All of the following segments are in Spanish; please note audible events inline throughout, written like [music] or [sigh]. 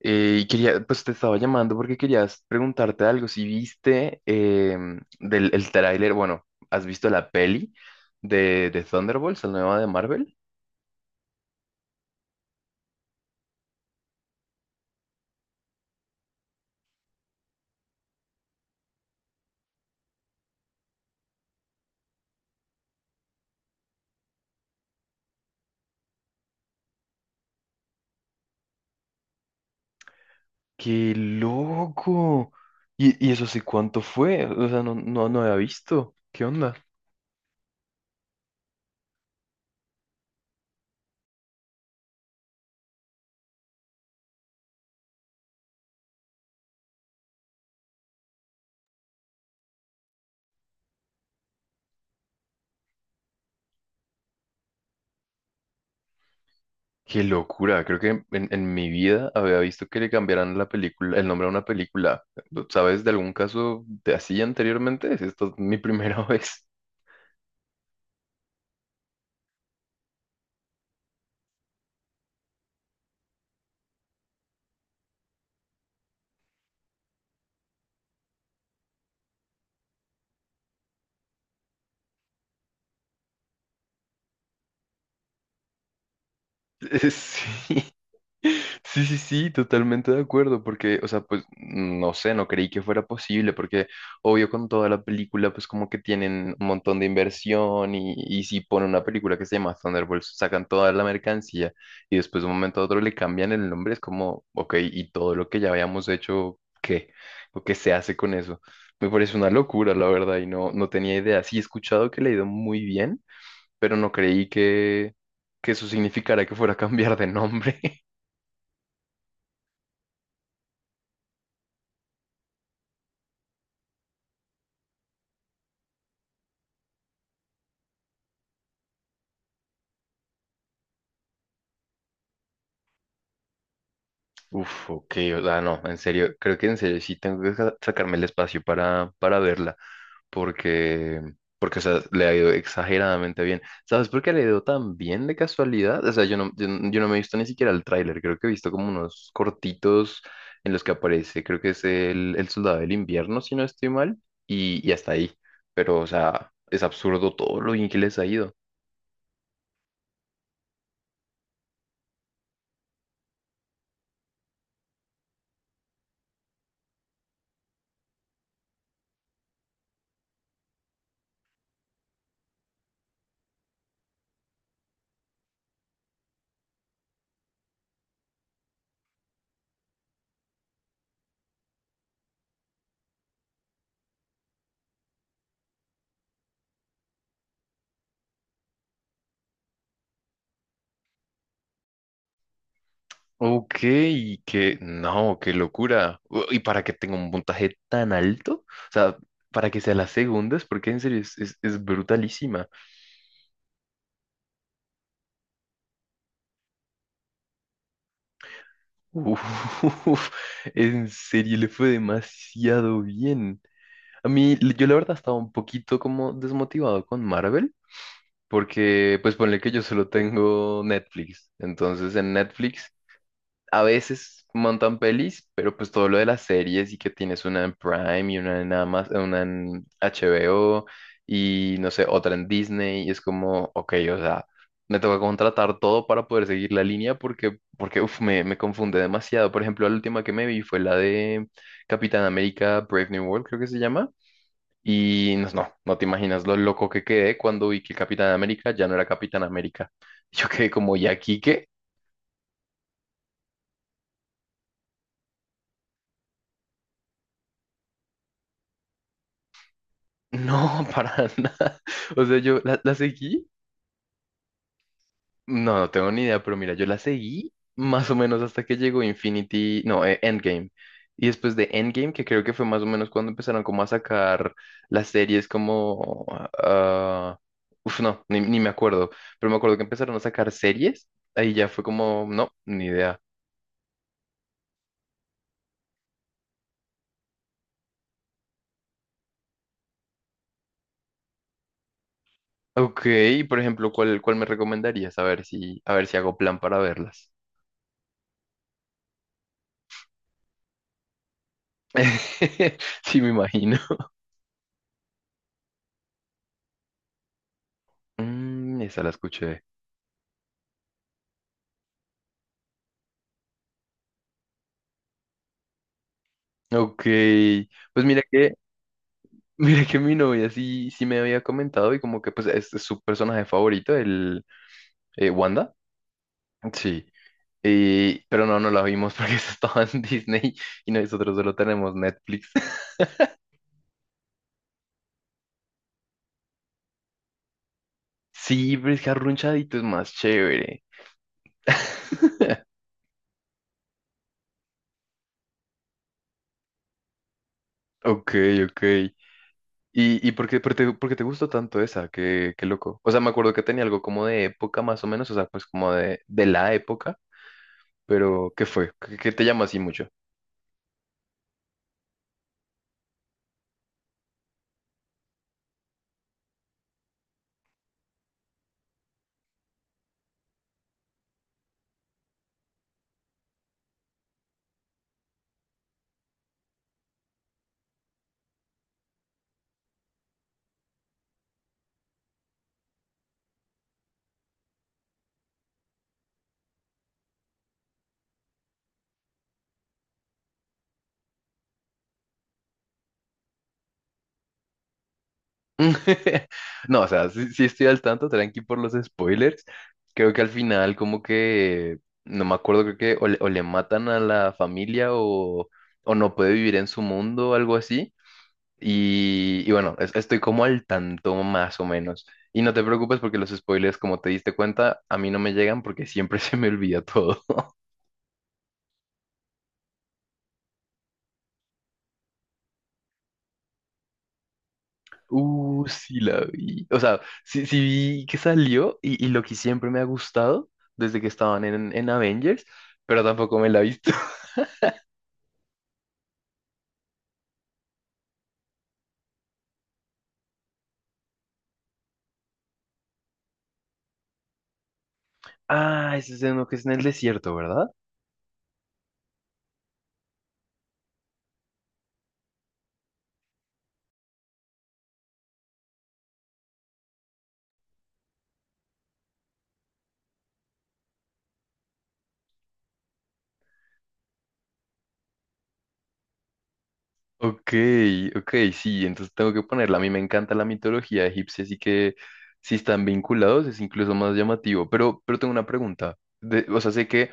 Y quería, pues te estaba llamando porque querías preguntarte algo. Si viste del el tráiler, bueno, ¿has visto la peli de Thunderbolts, la nueva de Marvel? ¡Qué loco! Y eso sí, ¿cuánto fue? O sea, no había visto. ¿Qué onda? ¡Qué locura! Creo que en mi vida había visto que le cambiaran la película, el nombre a una película. ¿Sabes de algún caso de así anteriormente? Si esta es mi primera [laughs] vez. [laughs] Sí. Sí, sí, sí, totalmente de acuerdo, porque, o sea, pues, no sé, no creí que fuera posible, porque obvio con toda la película, pues como que tienen un montón de inversión y si ponen una película que se llama Thunderbolts, sacan toda la mercancía y después de un momento a otro le cambian el nombre, es como, ok, y todo lo que ya habíamos hecho, ¿qué? ¿O qué se hace con eso? Me parece una locura, la verdad, y no, no tenía idea. Sí he escuchado que le ha ido muy bien pero no creí que eso significara que fuera a cambiar de nombre. [laughs] Uf, ok, o sea, no, en serio, creo que en serio sí tengo que sacarme el espacio para verla, porque, porque, o sea, le ha ido exageradamente bien. ¿Sabes por qué le ha ido tan bien de casualidad? O sea, yo no, yo, no yo no me he visto ni siquiera el tráiler, creo que he visto como unos cortitos en los que aparece, creo que es el Soldado del Invierno, si no estoy mal, y hasta ahí, pero, o sea, es absurdo todo lo bien que les ha ido. Ok, que no, qué locura. U- ¿Y para que tenga un puntaje tan alto? O sea, para que sea la segunda, es porque en serio es, es brutalísima. Uf, [laughs] en serio le fue demasiado bien. A mí, l- yo la verdad estaba un poquito como desmotivado con Marvel, porque pues ponle que yo solo tengo Netflix. Entonces en Netflix a veces montan pelis, pero pues todo lo de las series y que tienes una en Prime y una en Amazon, una en HBO y no sé, otra en Disney y es como, ok, o sea, me toca contratar todo para poder seguir la línea porque, porque uf, me confunde demasiado. Por ejemplo, la última que me vi fue la de Capitán América Brave New World, creo que se llama. Y no, no, no te imaginas lo loco que quedé cuando vi que Capitán América ya no era Capitán América. [laughs] Yo quedé como, ¿y aquí qué? No, [laughs] para nada. O sea, yo la, la seguí. No, no tengo ni idea, pero mira, yo la seguí más o menos hasta que llegó Infinity, no, Endgame. Y después de Endgame, que creo que fue más o menos cuando empezaron como a sacar las series como... ah, uf, no, ni, ni me acuerdo. Pero me acuerdo que empezaron a sacar series. Ahí ya fue como, no, ni idea. Ok, por ejemplo, ¿cuál, cuál me recomendarías? A ver si hago plan para verlas. [laughs] Sí, me imagino. Mm, esa la escuché. Ok, pues mira que, [laughs] mira que mi novia sí, sí me había comentado y como que pues este es su personaje favorito, el Wanda. Sí. Y- pero no, no la vimos porque [laughs] eso estaba en Disney y nosotros solo tenemos Netflix. [laughs] Sí, pero es que Arrunchadito es más chévere. [laughs] Ok, ok. ¿Y por qué, por te, por qué te gustó tanto esa? Qué, qué loco. O sea, me acuerdo que tenía algo como de época más o menos, o sea, pues como de la época, pero ¿qué fue? ¿Qué, qué te llama así mucho? [laughs] No, o sea, sí, sí estoy al tanto, tranqui por los spoilers. Creo que al final como que, no me acuerdo, creo que o le matan a la familia o no puede vivir en su mundo o algo así. Y bueno, es- estoy como al tanto más o menos. Y no te preocupes porque los spoilers, como te diste cuenta, a mí no me llegan porque siempre [laughs] se me olvida todo. Sí la vi. O sea, sí, sí vi que salió y lo que siempre me ha gustado desde que estaban en Avengers, pero tampoco me la he visto. [laughs] Ah, ese es uno que es en el desierto, ¿verdad? Ok, ok, sí, entonces tengo que ponerla. A mí me encanta la mitología egipcia, así que si están vinculados es incluso más llamativo. Pero tengo una pregunta. De- o sea, sé que,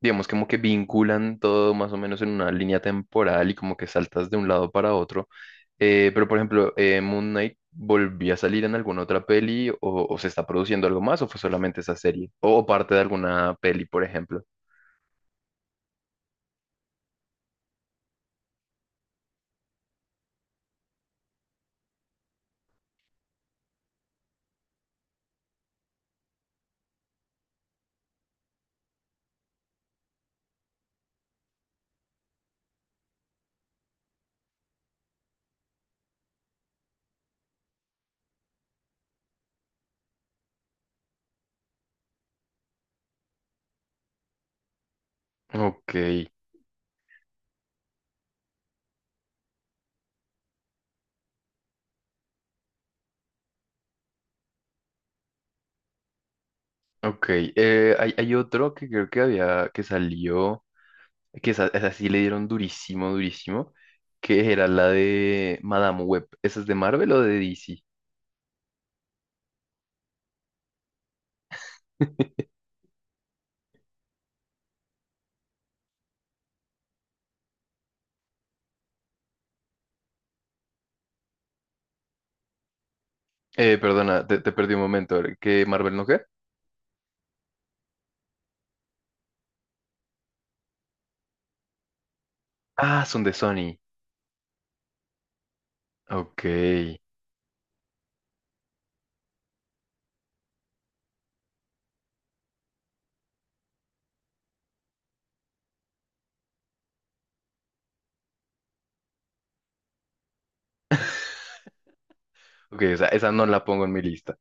digamos, como que vinculan todo más o menos en una línea temporal y como que saltas de un lado para otro. Pero, por ejemplo, Moon Knight volvió a salir en alguna otra peli o se está produciendo algo más o fue solamente esa serie o, parte de alguna peli, por ejemplo. Ok, ok. Hay otro que creo que había que salió. Que esa sí le dieron durísimo, durísimo, que era la de Madame Web. ¿Esa es de Marvel o de DC? [laughs] Perdona, te perdí un momento. ¿Qué Marvel no qué? Ah, son de Sony. Ok. [laughs] Ok, o sea, esa no la pongo en mi lista.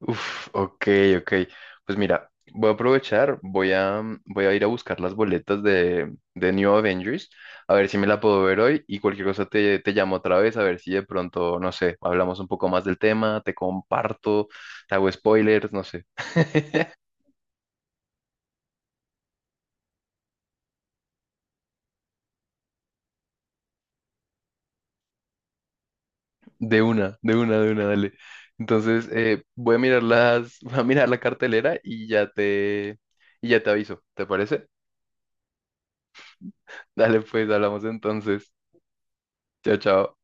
Uf, ok, ok. Pues mira, voy a aprovechar, voy a, mm, voy a ir a buscar las boletas de New Avengers, a ver si me la puedo ver hoy y cualquier cosa te, te llamo otra vez, a ver si de pronto, no sé, hablamos un poco más del tema, te comparto, te hago spoilers, no sé. [laughs] De una, de una, de una, dale. Entonces, voy a mirar las, [laughs] voy a mirar la cartelera y ya te aviso, ¿te parece? Dale, pues, hablamos entonces. Chao, chao.